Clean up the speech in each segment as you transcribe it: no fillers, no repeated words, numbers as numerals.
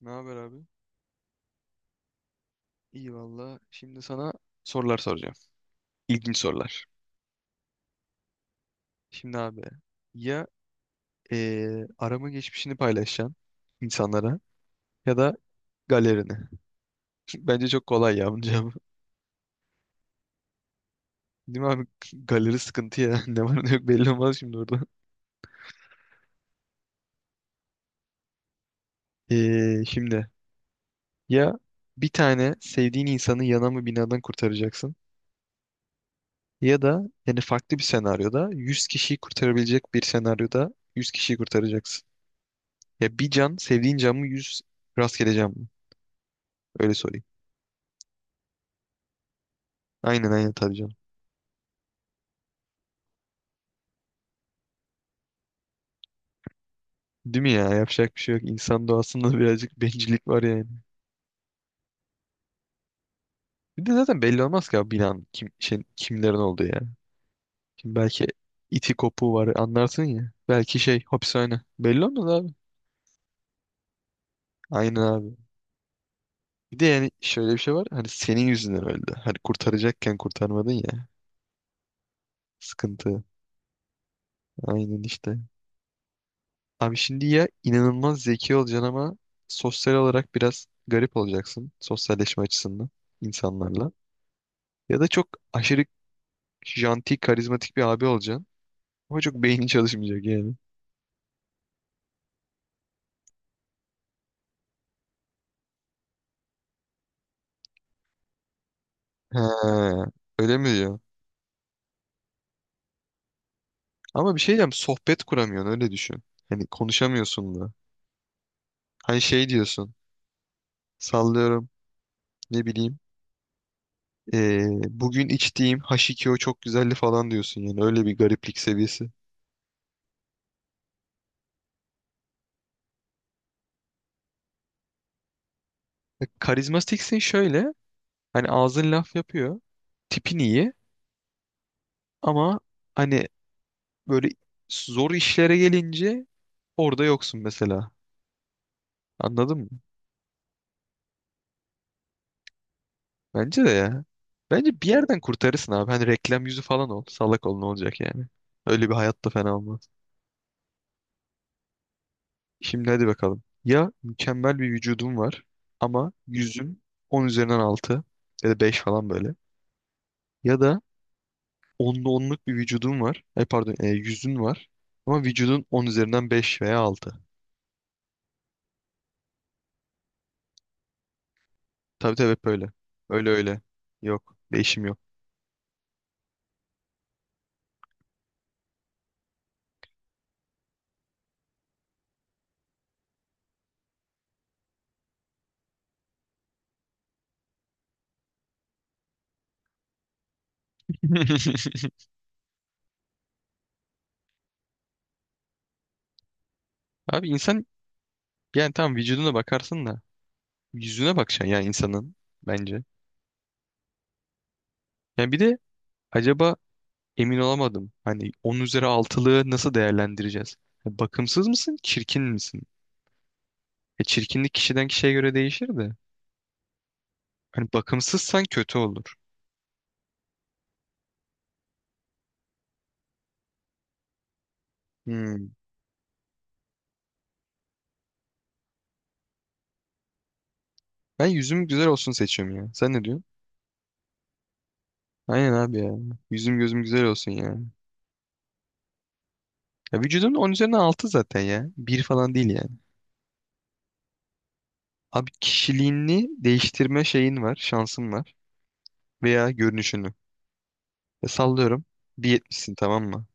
Ne haber abi? İyi valla. Şimdi sana sorular soracağım. İlginç sorular. Şimdi abi ya arama geçmişini paylaşacaksın insanlara ya da galerini. Bence çok kolay ya bunun cevabı. Değil mi abi? Galeri sıkıntı ya. Ne var ne yok belli olmaz şimdi orada. Şimdi ya bir tane sevdiğin insanı yanan mı binadan kurtaracaksın ya da yani farklı bir senaryoda 100 kişiyi kurtarabilecek bir senaryoda 100 kişiyi kurtaracaksın. Ya bir can sevdiğin can mı 100 rastgeleceğim, öyle sorayım. Aynen aynen tabii canım. Değil mi ya? Yapacak bir şey yok. İnsan doğasında birazcık bencillik var yani. Bir de zaten belli olmaz ki abi binanın kim, şey, kimlerin olduğu ya. Şimdi belki iti kopuğu var anlarsın ya. Belki şey hapishane. Belli olmaz abi. Aynen abi. Bir de yani şöyle bir şey var. Hani senin yüzünden öldü. Hani kurtaracakken kurtarmadın ya. Sıkıntı. Aynen işte. Abi şimdi ya inanılmaz zeki olacaksın ama sosyal olarak biraz garip olacaksın. Sosyalleşme açısından insanlarla. Ya da çok aşırı janti, karizmatik bir abi olacaksın. Ama çok beynin çalışmayacak yani. He, öyle mi diyor? Ama bir şey diyeceğim, sohbet kuramıyorsun, öyle düşün. Hani konuşamıyorsun da. Hani şey diyorsun, sallıyorum ne bileyim. Bugün içtiğim H2O çok güzeldi falan diyorsun yani öyle bir gariplik seviyesi. E, karizmatiksin şöyle, hani ağzın laf yapıyor, tipin iyi ama hani böyle zor işlere gelince orada yoksun mesela. Anladın mı? Bence de ya. Bence bir yerden kurtarırsın abi. Hani reklam yüzü falan ol. Salak ol, ne olacak yani. Öyle bir hayat da fena olmaz. Şimdi hadi bakalım. Ya mükemmel bir vücudum var ama yüzüm 10 üzerinden 6 ya da 5 falan böyle. Ya da onlu onluk bir vücudum var. E pardon, e, yüzün var ama vücudun 10 üzerinden beş veya altı. Tabii tabii hep böyle. Öyle öyle. Yok. Değişim yok. Abi insan yani tam vücuduna bakarsın da yüzüne bakacaksın yani insanın bence. Yani bir de acaba, emin olamadım. Hani 10 üzeri altılığı nasıl değerlendireceğiz? Ya, bakımsız mısın, çirkin misin? E çirkinlik kişiden kişiye göre değişir de. Hani bakımsızsan kötü olur. Hmm. Ben yüzüm güzel olsun seçiyorum ya. Sen ne diyorsun? Aynen abi ya. Yüzüm gözüm güzel olsun ya. Ya vücudun 10 üzerine 6 zaten ya. Bir falan değil yani. Abi kişiliğini değiştirme şeyin var, şansın var. Veya görünüşünü. Ya sallıyorum, bir yetmişsin tamam mı?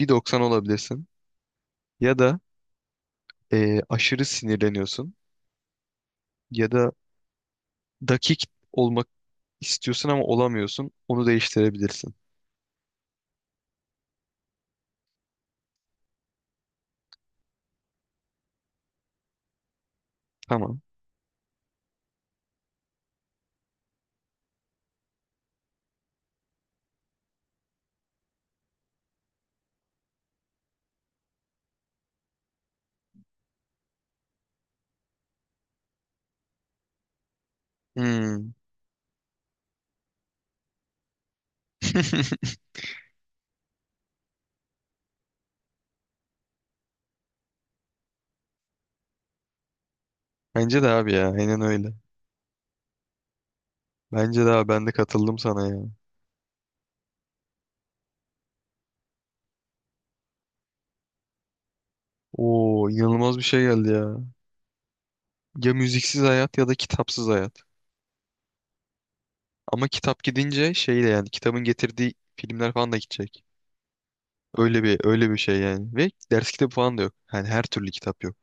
Bir doksan olabilirsin. Ya da e, aşırı sinirleniyorsun. Ya da dakik olmak istiyorsun ama olamıyorsun. Onu değiştirebilirsin. Tamam. Hmm. Bence de abi ya. Aynen öyle. Bence de abi ben de katıldım sana ya. Oo, inanılmaz bir şey geldi ya. Ya müziksiz hayat ya da kitapsız hayat. Ama kitap gidince şeyle yani kitabın getirdiği filmler falan da gidecek. Öyle bir şey yani. Ve ders kitabı falan da yok. Yani her türlü kitap yok.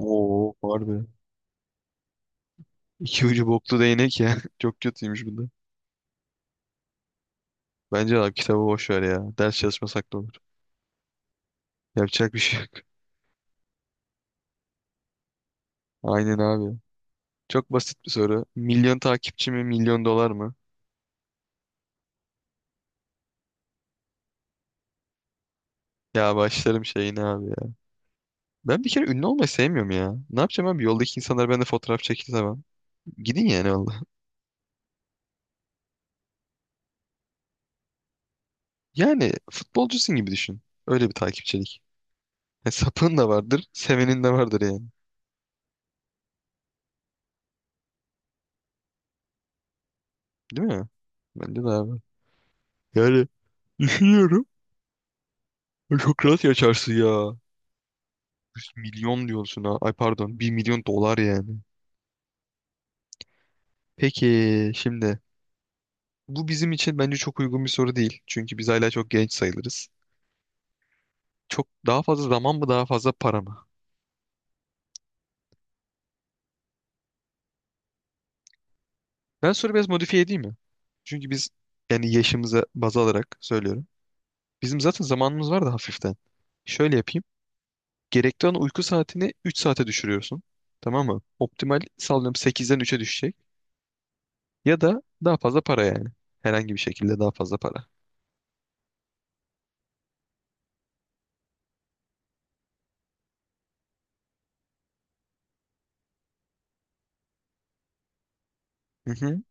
Oo, harbi. İki ucu boklu değnek ya. Çok kötüymüş bu da. Bence abi kitabı boş ver ya. Ders çalışmasak da olur. Yapacak bir şey yok. Aynen abi. Çok basit bir soru. Milyon takipçi mi, milyon dolar mı? Ya başlarım şeyine abi ya. Ben bir kere ünlü olmayı sevmiyorum ya. Ne yapacağım abi? Yoldaki insanlar bende fotoğraf çekti tamam. Gidin yani valla. Yani futbolcusun gibi düşün. Öyle bir takipçilik. E, sapığın da vardır, sevenin de vardır yani. Değil mi? Bence de abi. Yani düşünüyorum. Çok rahat yaşarsın ya. Yüz milyon diyorsun ha. Ay pardon. 1 milyon dolar yani. Peki şimdi, bu bizim için bence çok uygun bir soru değil. Çünkü biz hala çok genç sayılırız. Çok daha fazla zaman mı daha fazla para mı? Ben soruyu biraz modifiye edeyim mi? Çünkü biz yani yaşımıza baz alarak söylüyorum. Bizim zaten zamanımız var da hafiften. Şöyle yapayım. Gerekli olan uyku saatini 3 saate düşürüyorsun. Tamam mı? Optimal sallıyorum 8'den 3'e düşecek. Ya da daha fazla para yani. Herhangi bir şekilde daha fazla para. Hı hı.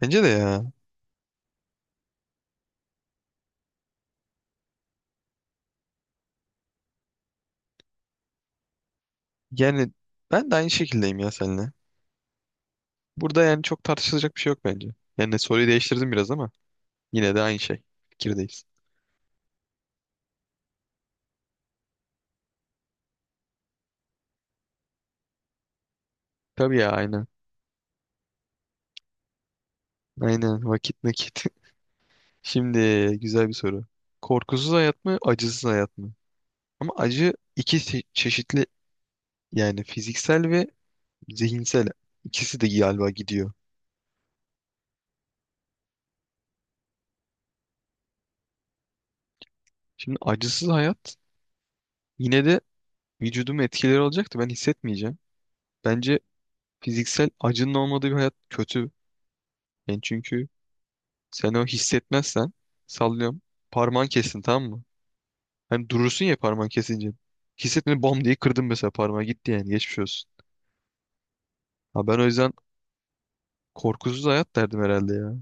Bence de ya. Yani ben de aynı şekildeyim ya seninle. Burada yani çok tartışılacak bir şey yok bence. Yani soruyu değiştirdim biraz ama. Yine de aynı şey. Fikirdeyiz. Tabii ya aynen. Aynen vakit nakit. Şimdi güzel bir soru. Korkusuz hayat mı, acısız hayat mı? Ama acı iki çeşitli yani fiziksel ve zihinsel. İkisi de galiba gidiyor. Şimdi acısız hayat yine de vücudum etkileri olacaktı. Ben hissetmeyeceğim. Bence fiziksel acının olmadığı bir hayat kötü. Yani çünkü sen o hissetmezsen sallıyorum. Parmağın kesin tamam mı? Hem durursun ya parmağın kesince. Hissetmeden bam diye kırdım mesela, parmağı gitti yani geçmiş olsun. Ha, ben o yüzden korkusuz hayat derdim herhalde ya.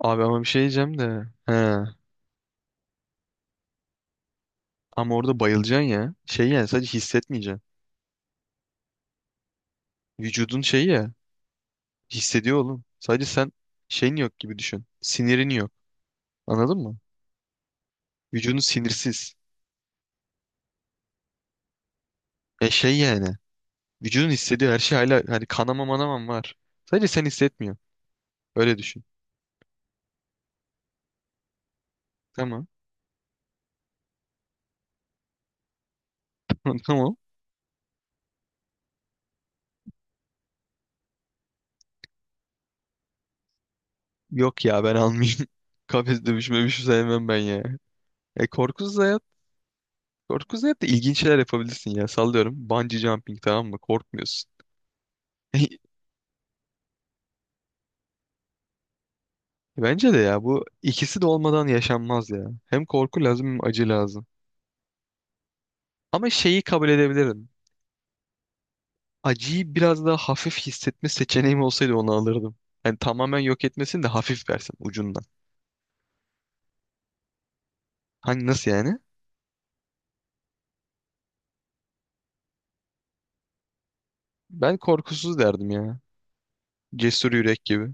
Abi ama bir şey diyeceğim de. He. Ama orada bayılacaksın ya. Şey yani sadece hissetmeyeceksin. Vücudun şeyi ya. Hissediyor oğlum. Sadece sen şeyin yok gibi düşün. Sinirin yok. Anladın mı? Vücudun sinirsiz. E şey yani. Vücudun hissediyor her şey hala hani kanama manamam var. Sadece sen hissetmiyorsun. Öyle düşün. Tamam. Tamam. Yok ya ben almayayım. Kafes dövüşme bir şey sevmem ben ya. E korkusuz hayat. Korkusuz hayat da ilginç şeyler yapabilirsin ya. Sallıyorum. Bungee jumping tamam mı? Korkmuyorsun. Bence de ya bu ikisi de olmadan yaşanmaz ya. Hem korku lazım hem acı lazım. Ama şeyi kabul edebilirim. Acıyı biraz daha hafif hissetme seçeneğim olsaydı onu alırdım. Yani tamamen yok etmesin de hafif versin ucundan. Hani nasıl yani? Ben korkusuz derdim ya. Cesur yürek gibi.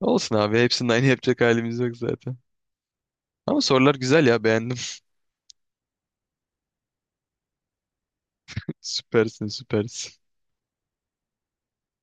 Olsun abi, hepsinin aynı yapacak halimiz yok zaten. Ama sorular güzel ya, beğendim. Süpersin süpersin.